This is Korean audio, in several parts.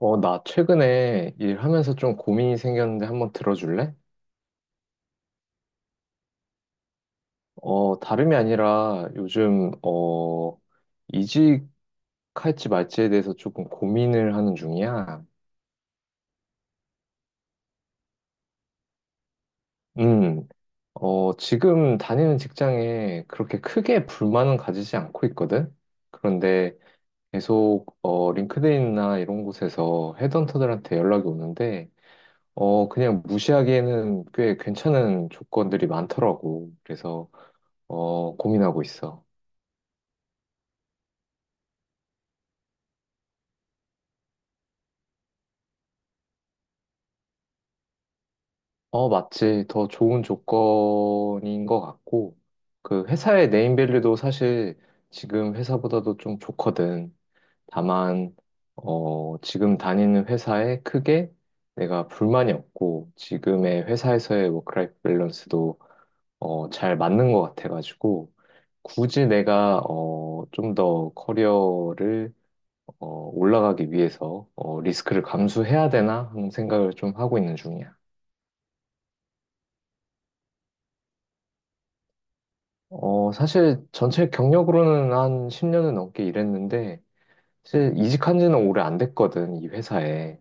나 최근에 일하면서 좀 고민이 생겼는데 한번 들어줄래? 다름이 아니라 요즘, 이직할지 말지에 대해서 조금 고민을 하는 중이야. 음, 지금 다니는 직장에 그렇게 크게 불만은 가지지 않고 있거든? 그런데 계속, 링크드인이나 이런 곳에서 헤드헌터들한테 연락이 오는데, 그냥 무시하기에는 꽤 괜찮은 조건들이 많더라고. 그래서, 고민하고 있어. 맞지. 더 좋은 조건인 것 같고, 그 회사의 네임밸류도 사실 지금 회사보다도 좀 좋거든. 다만, 지금 다니는 회사에 크게 내가 불만이 없고, 지금의 회사에서의 워크라이프 밸런스도 잘 맞는 것 같아가지고, 굳이 내가 좀 더 커리어를 어, 올라가기 위해서 리스크를 감수해야 되나 하는 생각을 좀 하고 있는 중이야. 사실 전체 경력으로는 한 10년은 넘게 일했는데, 사실 이직한 지는 오래 안 됐거든, 이 회사에.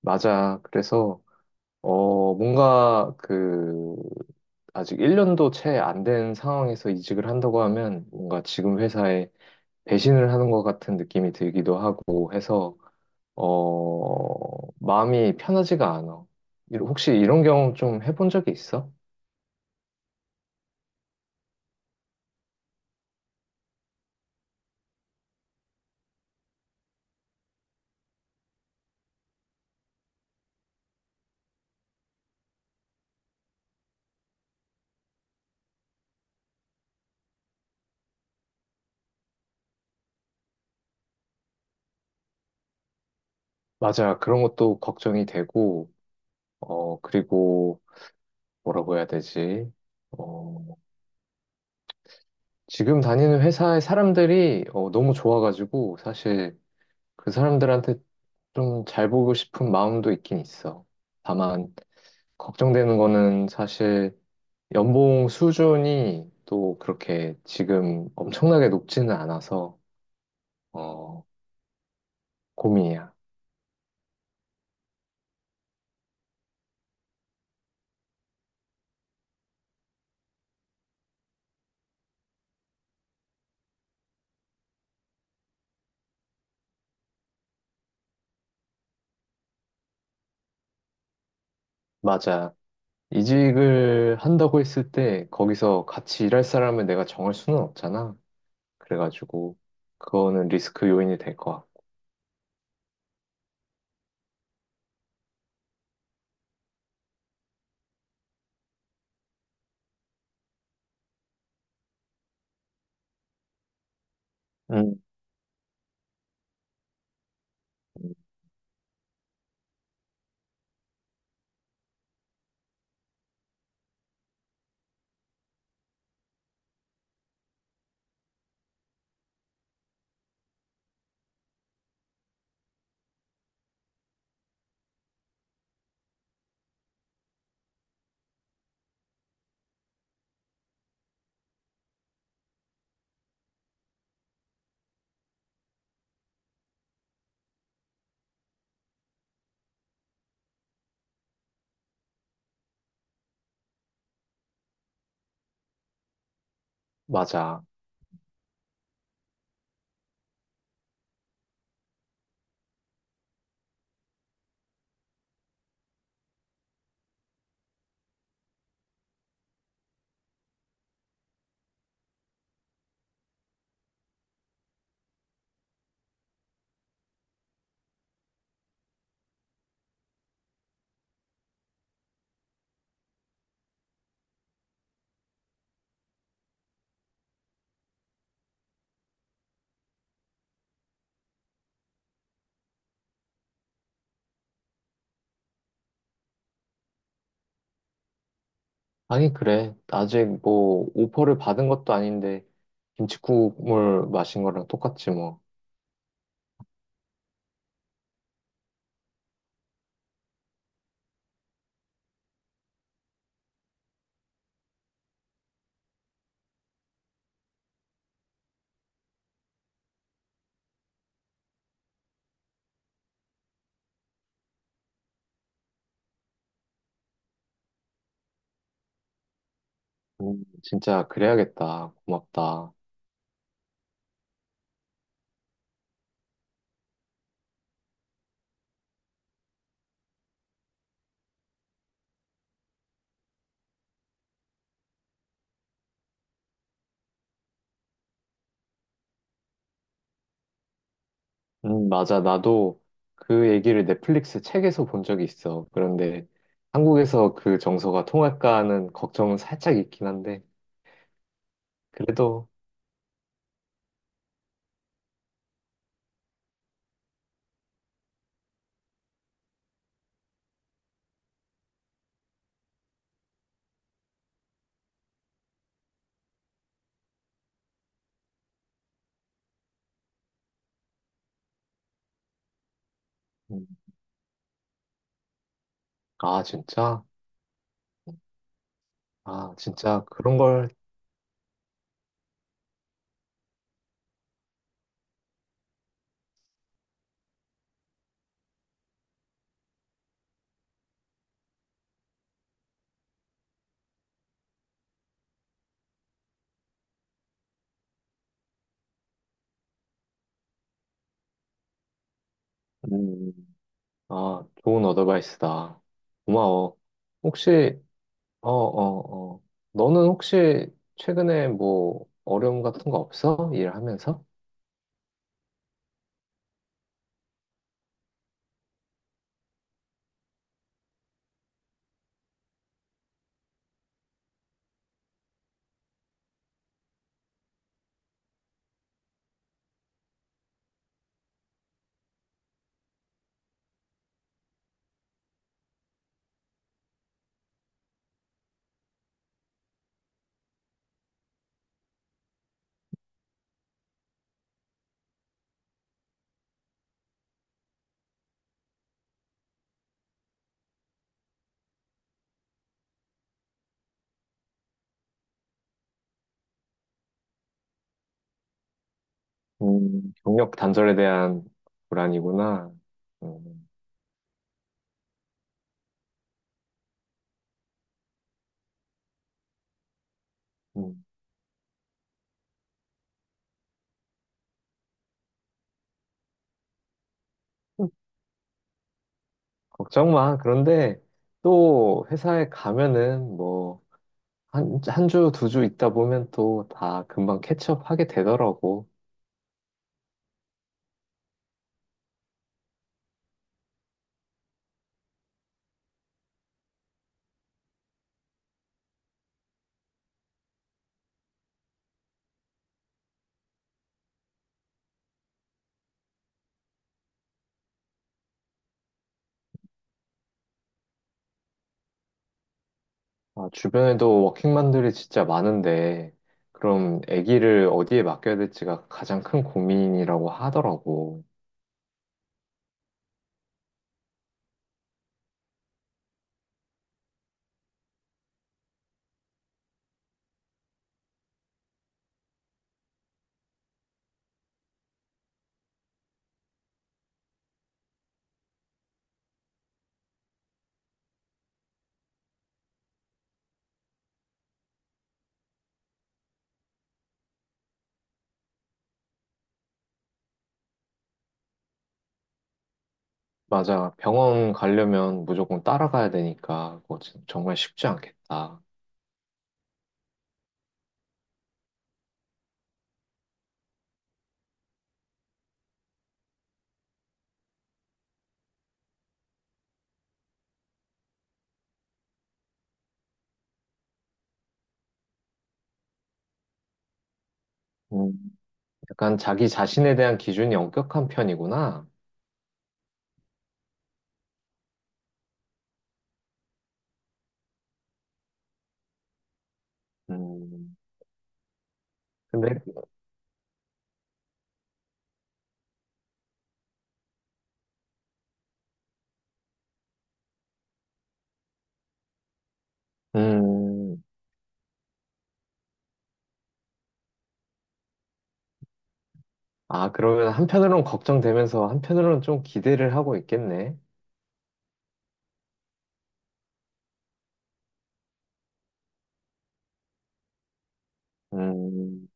맞아. 그래서, 뭔가 그, 아직 1년도 채 안 된 상황에서 이직을 한다고 하면, 뭔가 지금 회사에 배신을 하는 것 같은 느낌이 들기도 하고 해서, 마음이 편하지가 않아. 혹시 이런 경험 좀 해본 적이 있어? 맞아. 그런 것도 걱정이 되고, 그리고, 뭐라고 해야 되지? 어, 지금 다니는 회사의 사람들이 너무 좋아가지고 사실 그 사람들한테 좀 잘 보고 싶은 마음도 있긴 있어. 다만 걱정되는 거는 사실 연봉 수준이 또 그렇게 지금 엄청나게 높지는 않아서 어, 고민이야. 맞아. 이직을 한다고 했을 때 거기서 같이 일할 사람을 내가 정할 수는 없잖아. 그래가지고 그거는 리스크 요인이 될 것 같고. 맞아. 아니, 그래. 아직 뭐, 오퍼를 받은 것도 아닌데, 김치국물 마신 거랑 똑같지 뭐. 진짜 그래야겠다. 고맙다. 맞아. 나도 그 얘기를 넷플릭스 책에서 본 적이 있어. 그런데 한국에서 그 정서가 통할까 하는 걱정은 살짝 있긴 한데, 그래도, 음, 아, 진짜? 아, 진짜 그런 걸, 음, 아, 좋은 어드바이스다. 고마워. 혹시. 어, 어, 어. 너는 혹시 최근에 뭐 어려움 같은 거 없어? 일하면서? 경력 단절에 대한 불안이구나. 음, 음. 걱정 마. 그런데 또 회사에 가면은 뭐 한, 한 주, 두 주 있다 보면 또 다 금방 캐치업 하게 되더라고. 아, 주변에도 워킹맘들이 진짜 많은데 그럼 아기를 어디에 맡겨야 될지가 가장 큰 고민이라고 하더라고. 맞아. 병원 가려면 무조건 따라가야 되니까 그거 정말 쉽지 않겠다. 음, 약간 자기 자신에 대한 기준이 엄격한 편이구나. 음, 근데, 음, 아, 그러면 한편으로는 걱정되면서 한편으로는 좀 기대를 하고 있겠네. 음,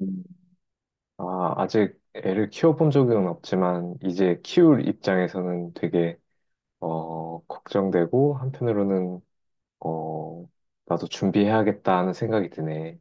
음. 아, 아직 애를 키워본 적은 없지만 이제 키울 입장에서는 되게 걱정되고 한편으로는 어, 나도 준비해야겠다는 생각이 드네.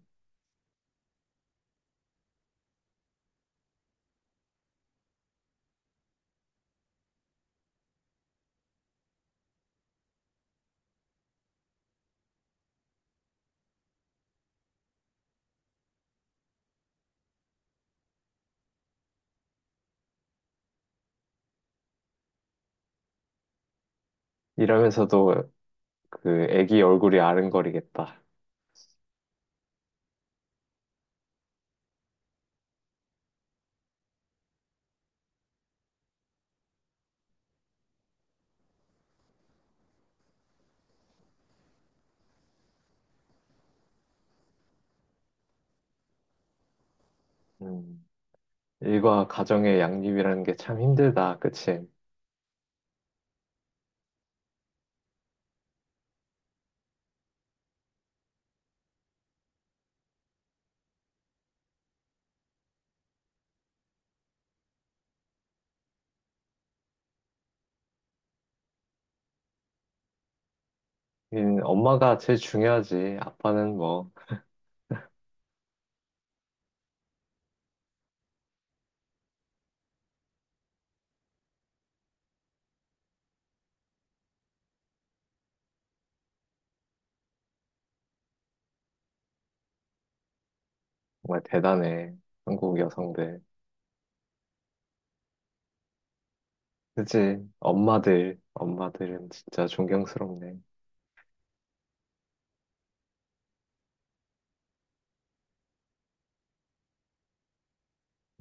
이러면서도 그 애기 얼굴이 아른거리겠다. 음, 일과 가정의 양립이라는 게 참 힘들다. 그치? 엄마가 제일 중요하지. 아빠는 뭐 정말 대단해. 한국 여성들. 그치? 엄마들은 진짜 존경스럽네.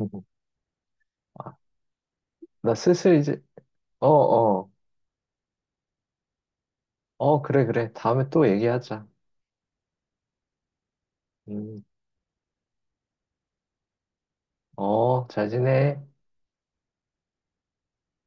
음. 아, 나 슬슬 이제. 어, 어, 어, 그래, 그래. 다음에 또 얘기하자. 음. 어, 잘 지내.